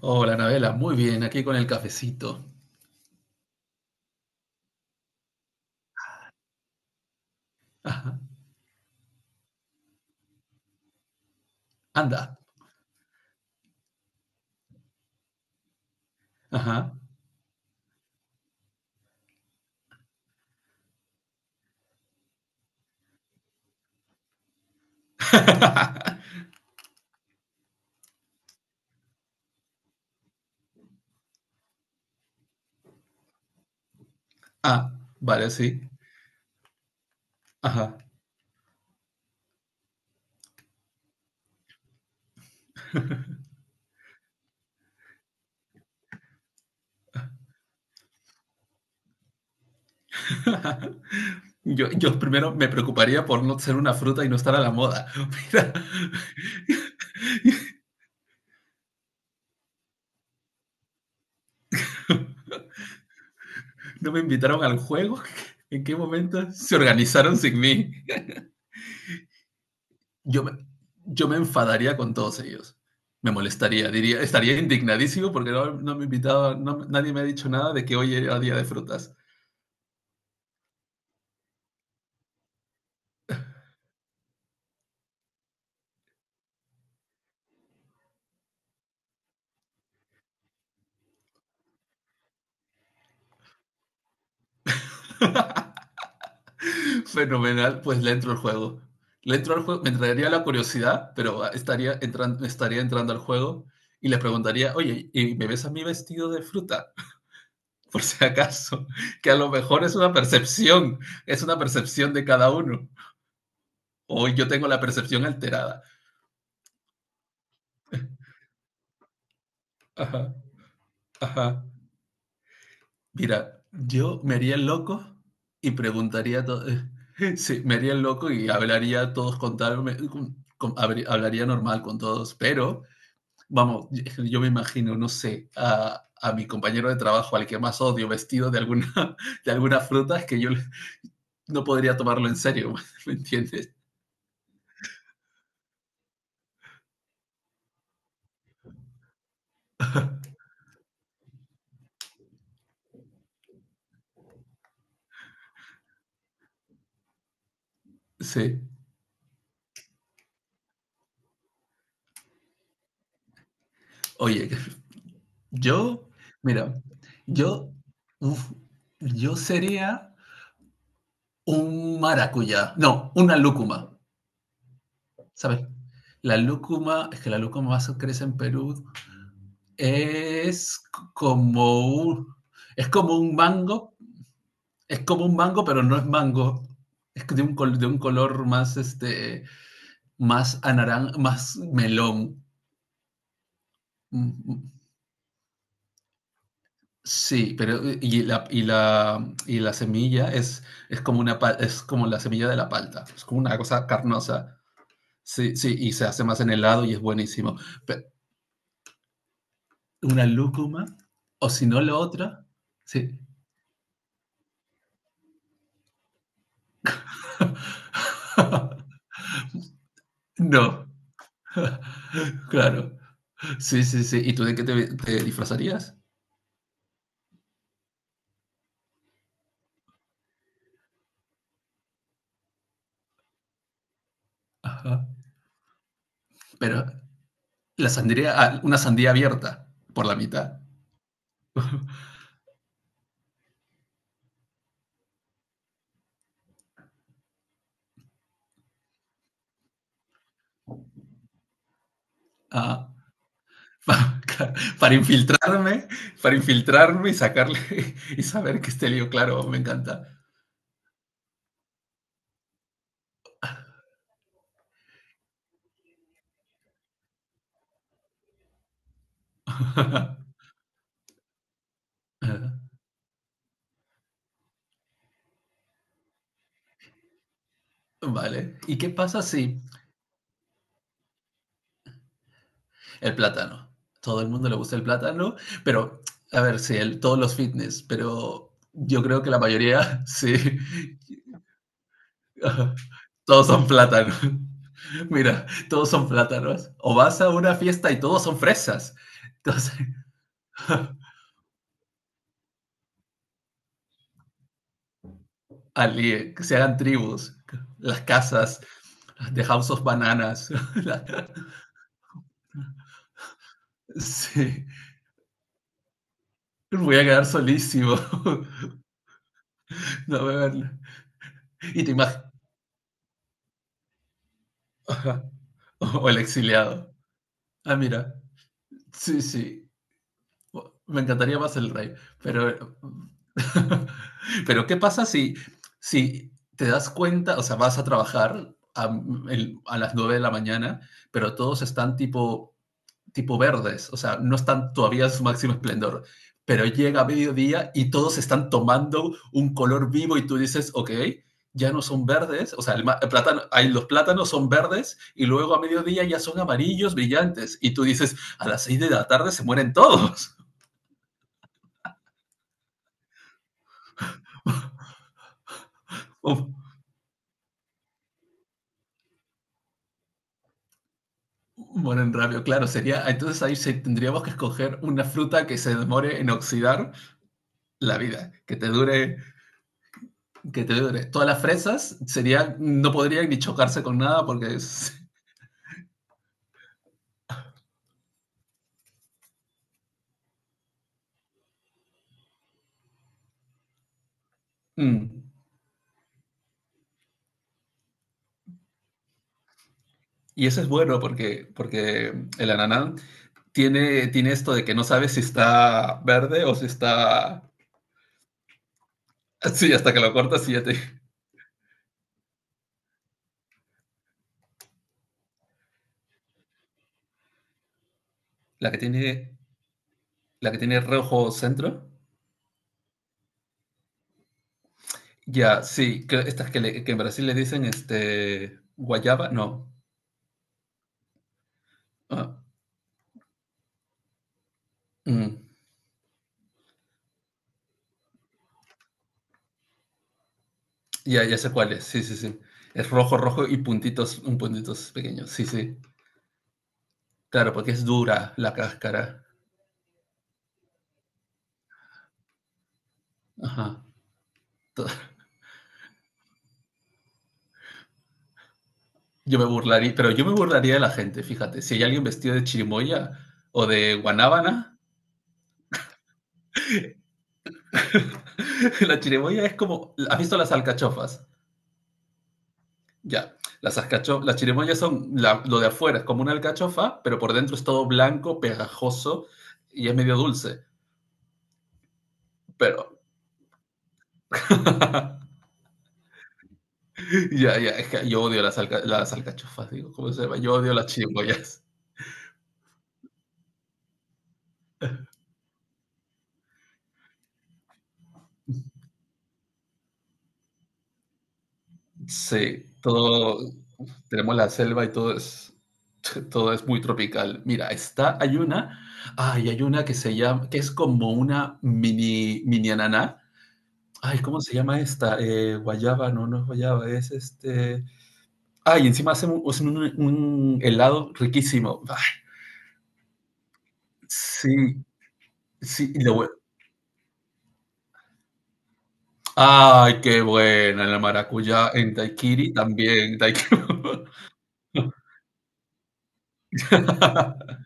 Hola, Anabela, muy bien, aquí con el cafecito. Ajá. Anda. Ajá. Ah, vale, sí. Ajá. Yo primero me preocuparía por no ser una fruta y no estar a la moda. Mira, no me invitaron al juego. ¿En qué momento se organizaron sin mí? Yo me, yo me enfadaría con todos ellos. Me molestaría, diría, estaría indignadísimo porque no me invitaba, nadie me ha dicho nada de que hoy era día de frutas. Fenomenal, pues le entro al juego. Le entro al juego, me entraría la curiosidad, pero estaría entrando al juego y le preguntaría, oye, ¿y me ves a mí vestido de fruta? Por si acaso, que a lo mejor es una percepción de cada uno. O yo tengo la percepción alterada. Ajá, ajá. Mira, yo me haría el loco y preguntaría todo. Sí, me haría el loco y hablaría a todos con tal, hablaría normal con todos, pero vamos, yo me imagino, no sé, a mi compañero de trabajo, al que más odio, vestido de alguna, de alguna fruta, es que yo no podría tomarlo en serio. ¿Me entiendes? Sí. Oye, yo, mira, yo, uf, yo sería un maracuyá, no, una lúcuma, ¿sabes? La lúcuma, es que la lúcuma más crece en Perú, es como es como un mango. Es como un mango, pero no es mango. Es de de un color más, este, más melón. Mm, mm. Sí, pero y la semilla es como es como la semilla de la palta. Es como una cosa carnosa. Sí, sí, y se hace más en helado y es buenísimo. Pe- una lúcuma, o si no la otra, sí. No, claro. Sí, sí, sí. ¿Y tú de qué te disfrazarías? Ajá. Pero la sandía, ah, una sandía abierta por la mitad. Ah, pa- para infiltrarme, para infiltrarme y sacarle, y saber que este lío, claro, me encanta. Ah, vale. ¿Y qué pasa si el plátano? Todo el mundo le gusta el plátano, pero a ver, sí, todos los fitness, pero yo creo que la mayoría, sí. Todos son plátanos. Mira, todos son plátanos. O vas a una fiesta y todos son fresas. Entonces, que se hagan tribus, las casas, las de House of Bananas. Sí, voy a quedar solísimo. No, y te imaginas. O el exiliado. Ah, mira. Sí, sí. Me encantaría más el rey. Pero, pero ¿qué pasa si, si te das cuenta, o sea, vas a trabajar a las 9 de la mañana, pero todos están tipo verdes, o sea, no están todavía en su máximo esplendor, pero llega mediodía y todos están tomando un color vivo y tú dices, ok, ya no son verdes, o sea, el plátano, los plátanos son verdes y luego a mediodía ya son amarillos brillantes y tú dices, a las 6 de la tarde se mueren todos. Mueren rápido, claro, sería, entonces ahí se, tendríamos que escoger una fruta que se demore en oxidar la vida, que te dure. Todas las fresas serían, no podrían ni chocarse con nada porque es... Mm. Y eso es bueno porque, porque el ananá tiene esto de que no sabes si está verde o si está... Sí, hasta que lo cortas y ya te... La que tiene, la que tiene rojo centro. Ya, sí, que en Brasil le dicen este, guayaba, no. Ah, mm. Ya, ya sé cuál es, sí, sí, sí. Es rojo, rojo y puntitos, un puntitos pequeños, sí, sí. Claro, porque es dura la cáscara. Ajá. Yo me burlaría, pero yo me burlaría de la gente, fíjate. Si hay alguien vestido de chirimoya o de guanábana, la chirimoya es como, ¿has visto las alcachofas? Ya, las chirimoyas son lo de afuera, es como una alcachofa, pero por dentro es todo blanco, pegajoso y es medio dulce. Pero, ya, es que yo odio las alcachofas, digo, ¿cómo se llama? Yo odio las chirimoyas. Sí, todo, tenemos la selva y todo es... Todo es muy tropical. Mira, hay una, ay, hay una que se llama, que es como una mini ananá. Ay, ¿cómo se llama esta? Guayaba, no, no es guayaba, es este. Ay, encima hacen un helado riquísimo. Ay, sí, sí. Ay, qué buena la maracuyá en Daiquiri también. Daiquiri.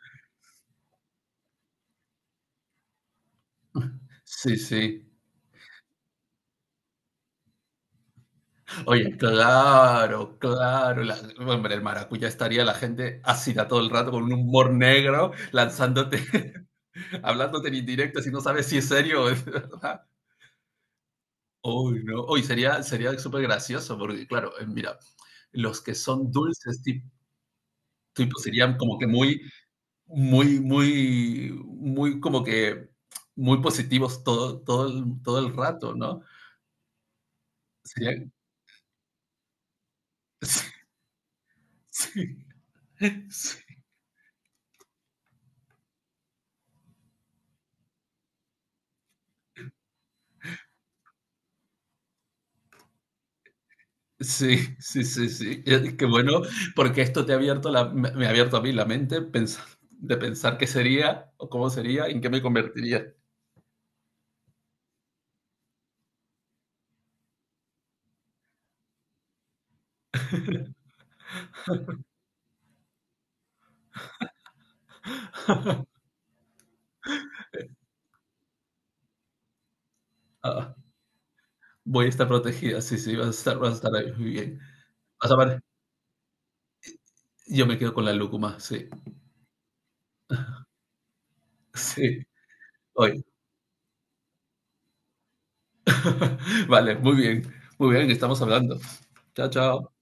Sí, sí. Oye, claro, claro. Hombre, el maracuyá estaría la gente ácida todo el rato con un humor negro, lanzándote, hablándote en indirecto, si no sabes si es serio o es verdad. Uy, no. Uy, sería súper gracioso, porque claro, mira, los que son dulces, tipo, serían como que muy, muy, muy, muy, como que muy positivos todo, todo, todo el rato, ¿no? Serían, sí, sí. Sí, sí, sí, sí. Qué bueno, porque esto te ha abierto me ha abierto a mí la mente pensar, de pensar qué sería o cómo sería, en qué me convertiría. Ah, voy a estar protegida, sí, sí, vas a estar ahí muy bien. Vas a ver, yo me quedo con la lúcuma, sí, sí, hoy. Vale, muy bien, estamos hablando. Chao, chao.